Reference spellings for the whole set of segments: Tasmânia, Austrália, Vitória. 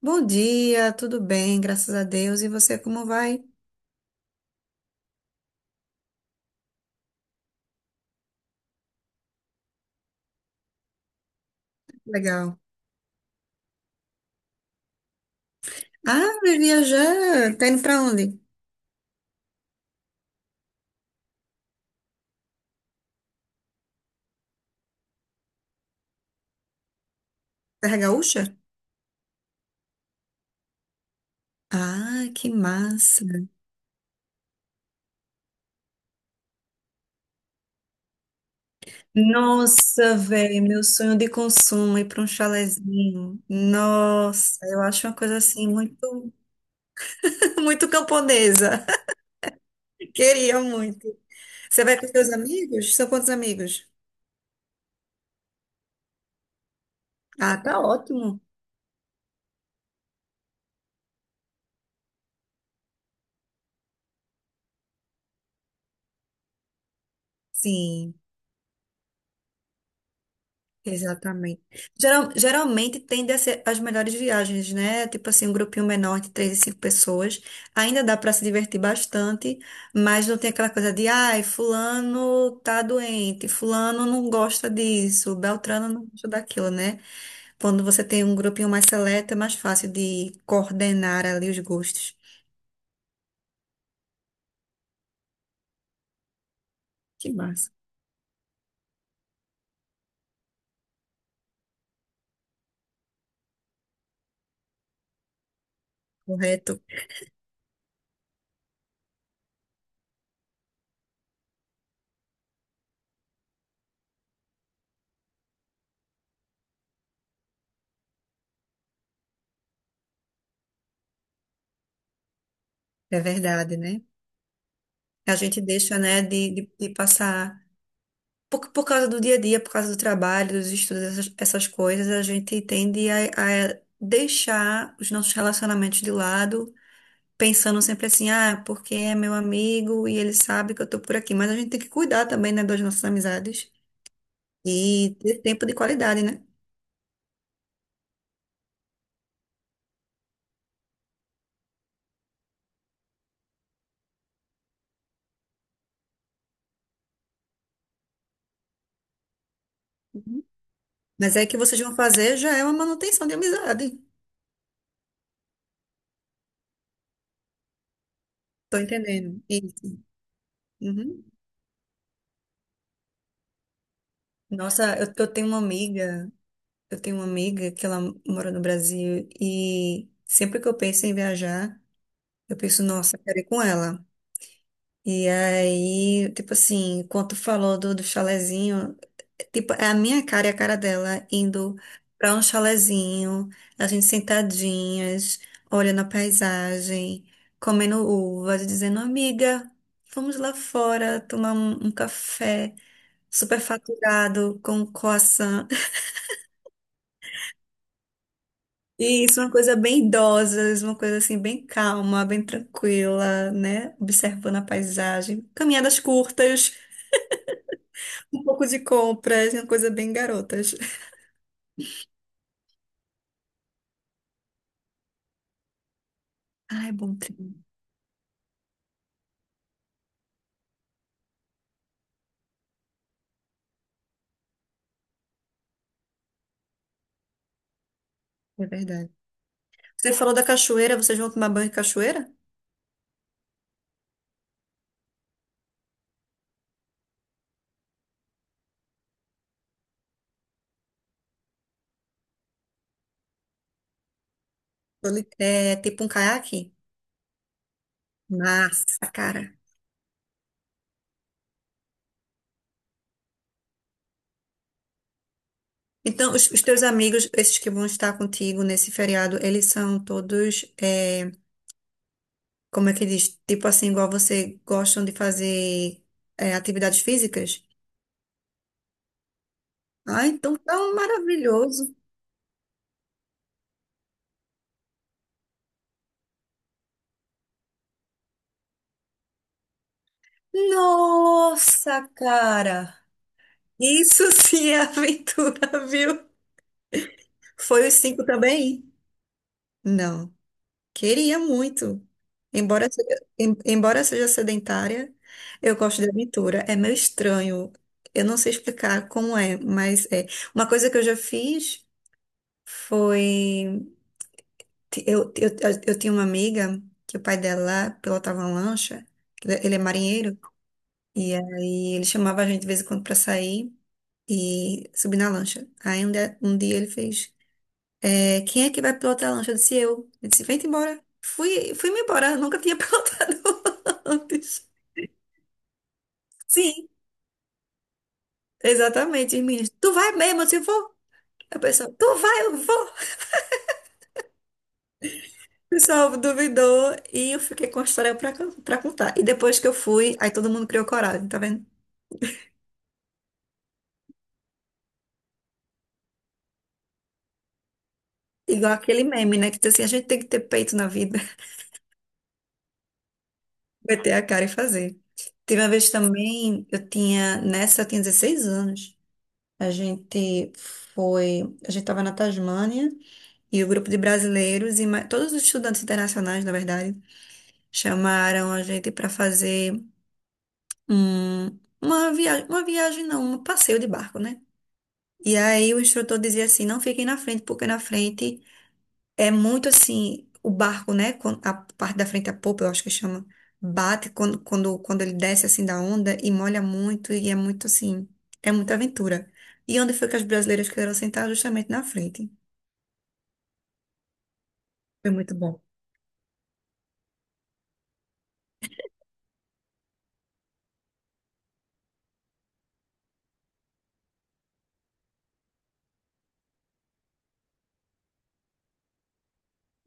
Bom dia, tudo bem, graças a Deus. E você, como vai? Legal. Ah, vai viajar. Tá indo pra onde? Serra Gaúcha? Ah, que massa. Nossa, velho, meu sonho de consumo é ir pra um chalezinho. Nossa, eu acho uma coisa assim muito, muito camponesa. Queria muito. Você vai com seus amigos? São quantos amigos? Ah, tá ótimo. Sim. Exatamente. Geralmente tende a ser as melhores viagens, né? Tipo assim, um grupinho menor de três e cinco pessoas. Ainda dá para se divertir bastante, mas não tem aquela coisa de, ai, fulano tá doente, fulano não gosta disso, Beltrano não gosta daquilo, né? Quando você tem um grupinho mais seleto, é mais fácil de coordenar ali os gostos. Que massa. Correto. É verdade, né? A gente deixa, né, de passar. Por causa do dia a dia, por causa do trabalho, dos estudos, essas coisas, a gente tende a deixar os nossos relacionamentos de lado, pensando sempre assim, ah, porque é meu amigo e ele sabe que eu tô por aqui. Mas a gente tem que cuidar também, né, das nossas amizades e ter tempo de qualidade, né? Mas é que vocês vão fazer já é uma manutenção de amizade. Tô entendendo. Isso. Uhum. Nossa, eu tenho uma amiga que ela mora no Brasil e sempre que eu penso em viajar, eu penso, nossa, eu quero ir com ela. E aí, tipo assim, quando tu falou do chalezinho, tipo, é a minha cara e a cara dela indo pra um chalezinho, a gente sentadinhas, olhando a paisagem, comendo uvas, dizendo, amiga, vamos lá fora tomar um café. Superfaturado com croissant. E isso é uma coisa bem idosa, isso é uma coisa assim bem calma, bem tranquila, né? Observando a paisagem. Caminhadas curtas, um pouco de compras, é uma coisa bem garotas. Ai, bom trilho, é verdade. Você falou da cachoeira, vocês vão tomar banho em cachoeira? É tipo um caiaque? Massa, cara. Então, os teus amigos, esses que vão estar contigo nesse feriado, eles são todos é, como é que diz? Tipo assim, igual você gostam de fazer é, atividades físicas? Ah, então tá um maravilhoso. Nossa, cara! Isso sim é aventura, viu? Foi os cinco também? Não, queria muito. Embora seja sedentária, eu gosto de aventura. É meio estranho. Eu não sei explicar como é, mas é. Uma coisa que eu já fiz foi. Eu tinha uma amiga que o pai dela pilotava uma lancha, ele é marinheiro, e aí ele chamava a gente de vez em quando pra sair e subir na lancha. Aí um dia ele fez, é, quem é que vai pilotar a lancha? Eu disse, eu. Ele disse, vem-te embora. Fui-me embora, eu nunca tinha pilotado antes. Sim, exatamente, os meninos, tu vai mesmo? Eu disse, vou. A pessoa, tu vai, eu vou. O pessoal duvidou e eu fiquei com a história pra, pra contar. E depois que eu fui, aí todo mundo criou coragem, tá vendo? Igual aquele meme, né? Que diz assim, a gente tem que ter peito na vida, meter a cara e fazer. Teve uma vez também, nessa eu tinha 16 anos. A gente foi, a gente estava na Tasmânia e o grupo de brasileiros e todos os estudantes internacionais, na verdade, chamaram a gente para fazer um, uma viagem não, um passeio de barco, né? E aí o instrutor dizia assim, não fiquem na frente, porque na frente é muito assim, o barco, né? A parte da frente, a popa, eu acho que chama, bate quando ele desce assim da onda e molha muito, e é muito assim, é muita aventura. E onde foi que as brasileiras quiseram sentar? Justamente na frente. Foi muito bom.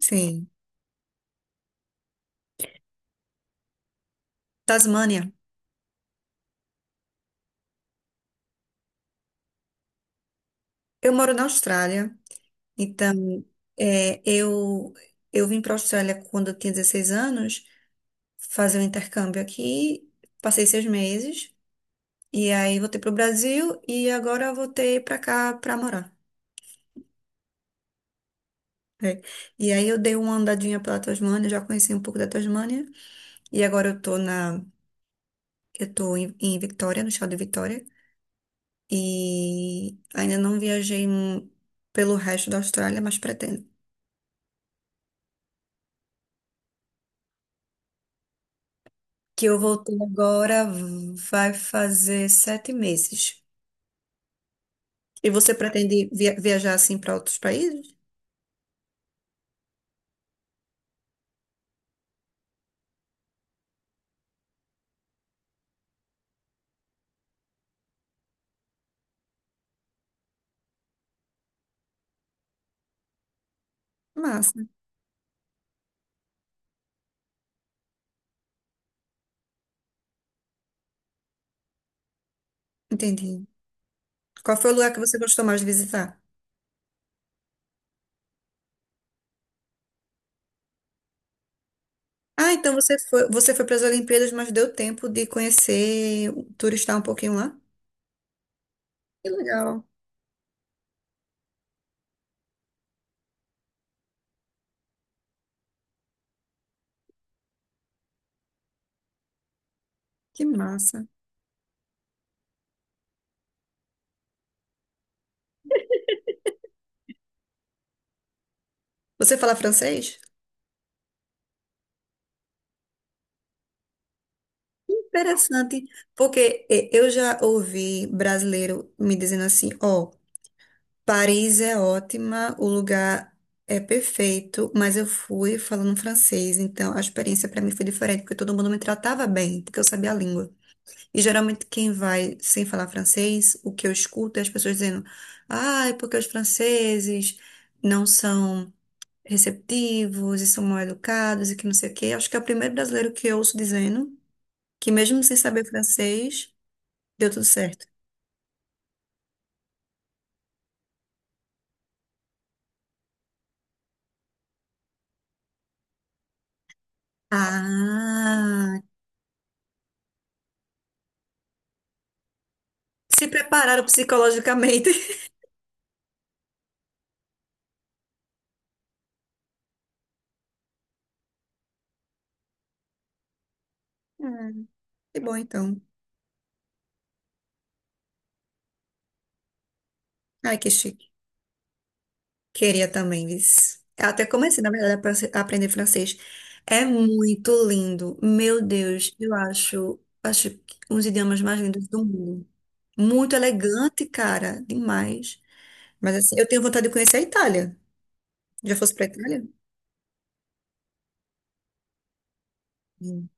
Sim. Tasmânia. Eu moro na Austrália, então é, eu, eu vim para a Austrália quando eu tinha 16 anos, fazer um intercâmbio aqui, passei 6 meses, e aí voltei para o Brasil e agora voltei para cá para morar. É. E aí eu dei uma andadinha pela Tasmânia, já conheci um pouco da Tasmânia, e agora eu tô em, em Vitória, no estado de Vitória, e ainda não viajei pelo resto da Austrália, mas pretendo. Que eu voltei agora, vai fazer 7 meses. E você pretende viajar assim para outros países? Massa, entendi. Qual foi o lugar que você gostou mais de visitar? Ah, então você foi para as Olimpíadas, mas deu tempo de conhecer, turistar um pouquinho lá? Que legal, que massa. Você fala francês? Interessante, porque eh, eu já ouvi brasileiro me dizendo assim, ó, Paris é ótima, o lugar é perfeito, mas eu fui falando francês, então a experiência para mim foi diferente, porque todo mundo me tratava bem, porque eu sabia a língua. E geralmente quem vai sem falar francês, o que eu escuto é as pessoas dizendo, ah, é porque os franceses não são receptivos e são mal educados e que não sei o quê. Acho que é o primeiro brasileiro que eu ouço dizendo que mesmo sem saber francês, deu tudo certo. Ah, se prepararam psicologicamente. Ah, que bom então. Ai, que chique. Queria também, Viz. Eu até comecei, na verdade, a a aprender francês. É muito lindo. Meu Deus, acho que um dos idiomas mais lindos do mundo. Muito elegante, cara. Demais. Mas assim, eu tenho vontade de conhecer a Itália. Já fosse pra Itália? Sim.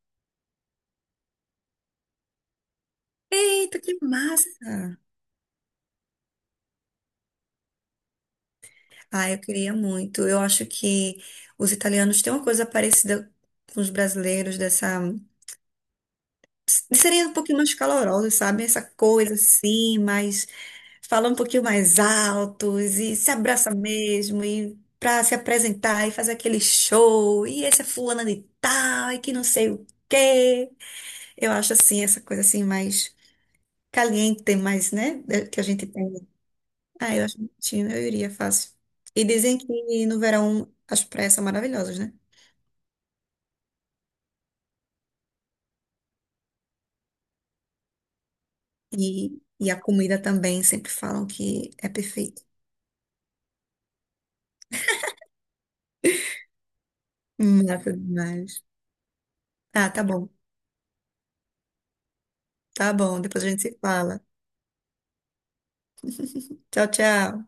Eita, que massa! Ah, eu queria muito. Eu acho que os italianos têm uma coisa parecida com os brasileiros dessa. Seria um pouquinho mais calorosa, sabe? Essa coisa assim, mas falar um pouquinho mais altos e se abraça mesmo e para se apresentar e fazer aquele show. E esse é fulana de tal e que não sei o quê. Eu acho assim, essa coisa assim mais caliente, mais, né? Que a gente tem. Ah, eu acho bonitinho, eu iria fácil. E dizem que no verão as praias são maravilhosas, né? E a comida também, sempre falam que é perfeita. Massa demais. Ah, tá bom. Tá bom. Depois a gente se fala. Tchau, tchau.